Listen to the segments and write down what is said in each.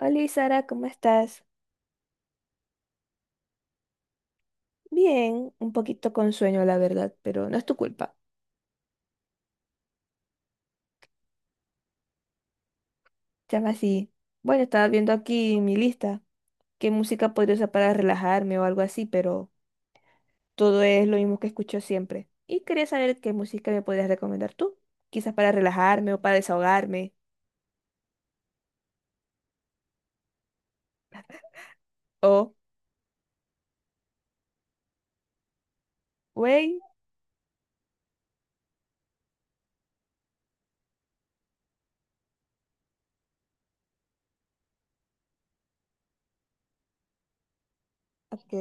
Hola, Sara, ¿cómo estás? Bien, un poquito con sueño, la verdad, pero no es tu culpa. Llama así. Bueno, estaba viendo aquí mi lista, qué música podría usar para relajarme o algo así, pero todo es lo mismo que escucho siempre. Y quería saber qué música me podrías recomendar tú, quizás para relajarme o para desahogarme. O, wey, ok,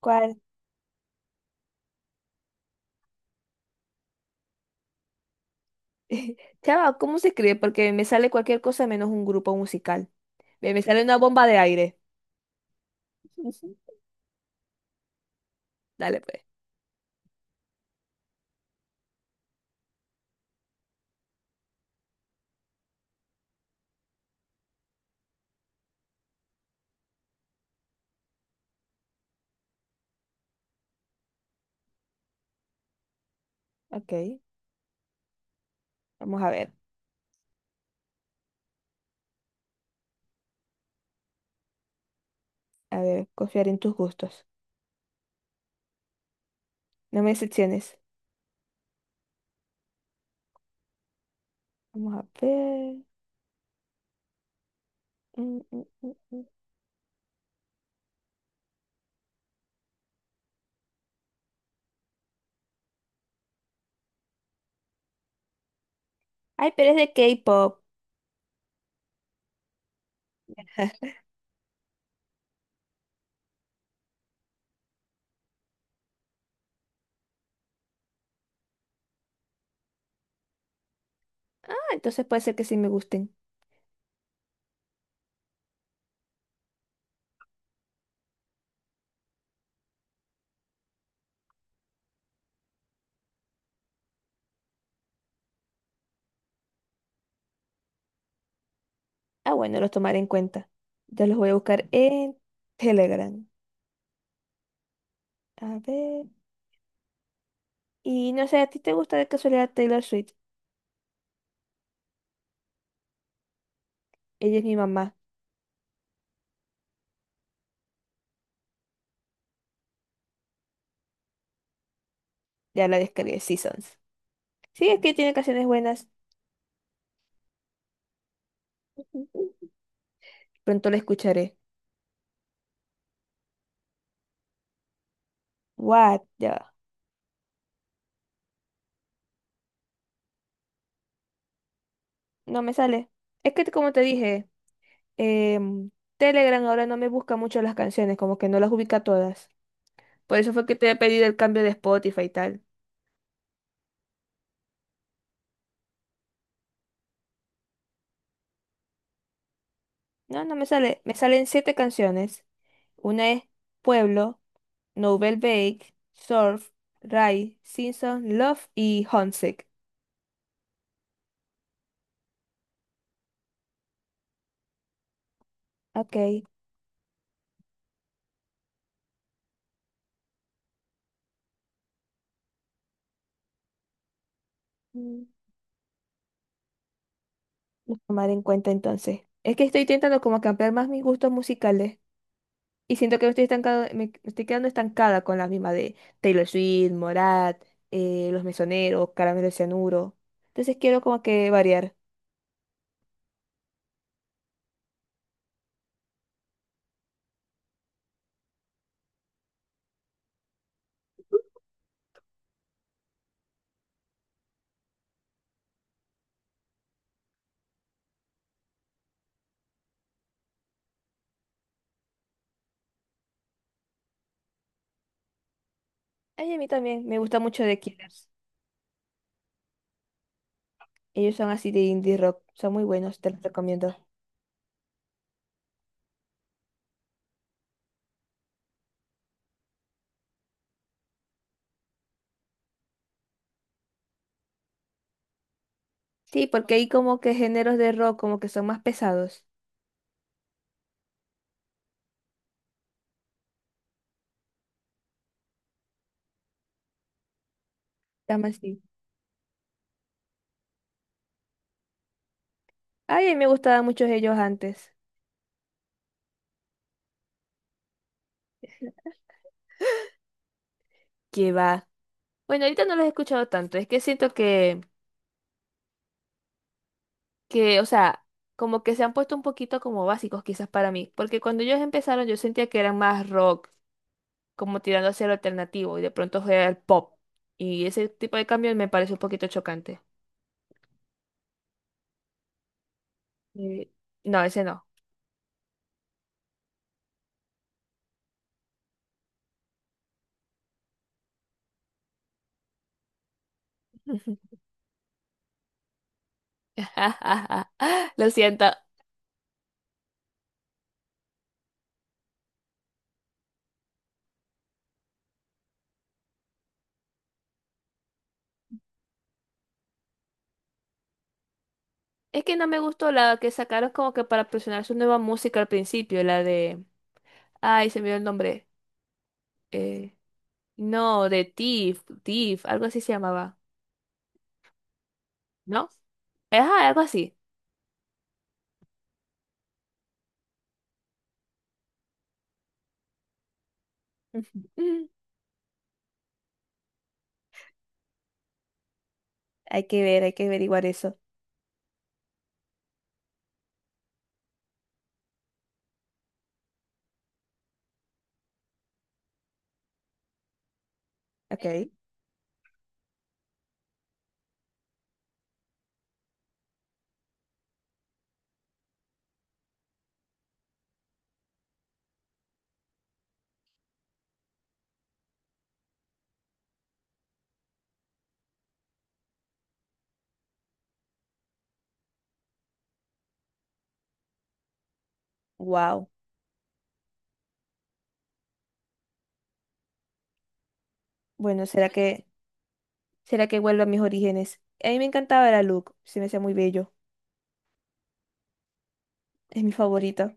¿cuál? Chava, ¿cómo se escribe? Porque me sale cualquier cosa menos un grupo musical. Me sale una bomba de aire. Dale, pues. Ok, vamos a ver. A ver, confiar en tus gustos. No me decepciones. Vamos a ver. Mm, mm, mm, mm. Ay, pero es de K-pop. Ah, entonces puede ser que sí me gusten. Ah, bueno, los tomaré en cuenta. Ya los voy a buscar en Telegram. A ver. Y no sé, ¿a ti te gusta de casualidad Taylor Swift? Ella es mi mamá. Ya la descargué Seasons. Sí, es que tiene canciones buenas. Pronto la escucharé. What? Ya va. No me sale. Es que como te dije. em, Telegram ahora no me busca mucho las canciones, como que no las ubica todas. Por eso fue que te he pedido el cambio de Spotify y tal. No, no me sale. Me salen siete canciones. Una es Pueblo, Nouvelle Vague, Surf, Rai, Simpson, Love y Homesick. Ok. mm, Lo tomaré en cuenta entonces. Es que estoy intentando como que ampliar más mis gustos musicales. Y siento que me estoy estancado, me estoy quedando estancada con las mismas de Taylor Swift, Morat, Los Mesoneros, Caramelo de Cianuro. Entonces quiero como que variar. Ay, a mí también me gusta mucho The Killers. Ellos son así de indie rock, son muy buenos, te los recomiendo. Sí, porque hay como que géneros de rock como que son más pesados. Llama así. Ay, a mí me gustaban muchos ellos antes. Que va. Bueno, ahorita no los he escuchado tanto, es que siento que, o sea, como que se han puesto un poquito como básicos quizás para mí, porque cuando ellos empezaron yo sentía que eran más rock, como tirando hacia lo alternativo, y de pronto fue al pop, y ese tipo de cambio me parece un poquito chocante. Y- No, ese no. Lo siento. Es que no me gustó la que sacaron como que para presionar su nueva música al principio, la de... Ay, se me dio el nombre. Eh, no, de Tiff, algo así se llamaba, ¿no? Ajá, algo así. Hay que ver, hay que averiguar eso. Ok. Wow. Bueno, ¿será que vuelvo a mis orígenes? A mí me encantaba la Luke, se me hacía muy bello. Es mi favorito.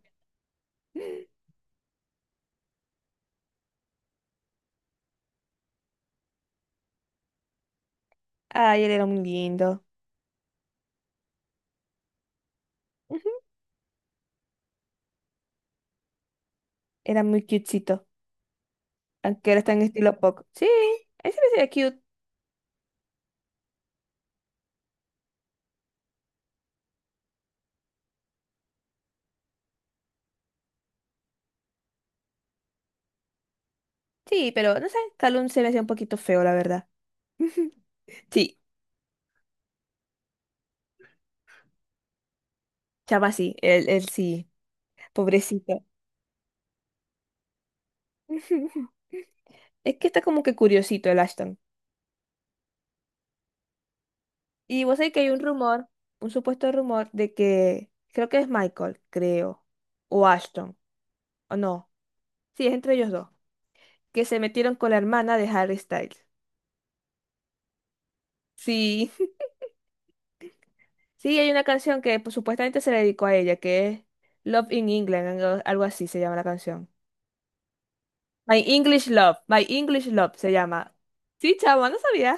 Ay, él era muy lindo. Ujú. Era muy cutecito. Aunque ahora está en estilo pop. Sí, él se me hacía cute. Sí, pero no sé, Calum se me hacía un poquito feo, la verdad. Sí, chama sí, él sí. Pobrecito. Es que está como que curiosito el Ashton. Y vos sabés que hay un rumor, un supuesto rumor de que creo que es Michael, creo, o Ashton, o no. Sí, es entre ellos dos, que se metieron con la hermana de Harry Styles. Sí, sí, hay una canción que pues, supuestamente se le dedicó a ella, que es Love in England, algo así se llama la canción. My English Love se llama. Sí, chavo, no sabía.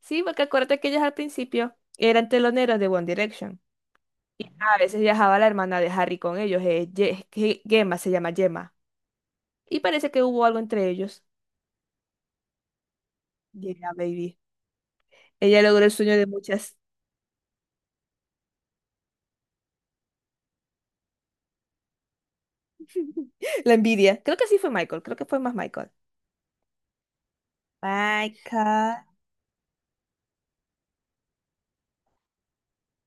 Sí, porque acuérdate que ellas al principio eran teloneros de One Direction. Y a veces viajaba la hermana de Harry con ellos, Gemma se llama Gemma. Y parece que hubo algo entre ellos. Yeah, baby. Ella logró el sueño de muchas. La envidia. Creo que sí fue Michael, creo que fue más Michael. Michael.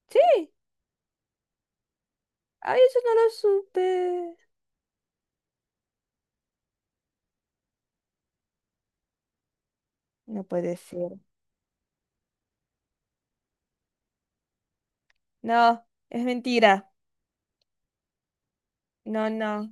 Sí, ay, eso no lo supe. No puede ser. No, es mentira. No, no.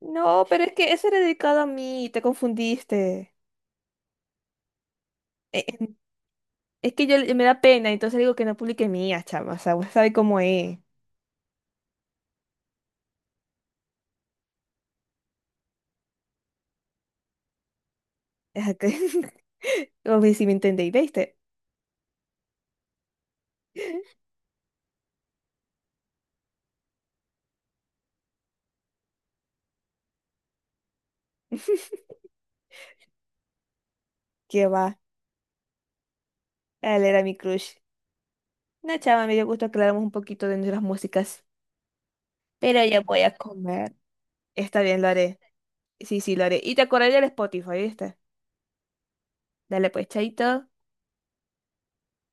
No, pero es que eso era dedicado a mí, te confundiste. Eh, eh, Es que yo me da pena, entonces digo que no publique mía, chama. O sea, vos sabés cómo es. Es como si me entendéis, ¿viste? ¿Qué va? Él era mi crush. No, chava, me dio gusto aclaramos un poquito de nuestras músicas. Pero ya voy a comer. Está bien, lo haré. Sí, sí, lo haré. Y te acordaré del Spotify, ¿viste? Dale pues, chaito.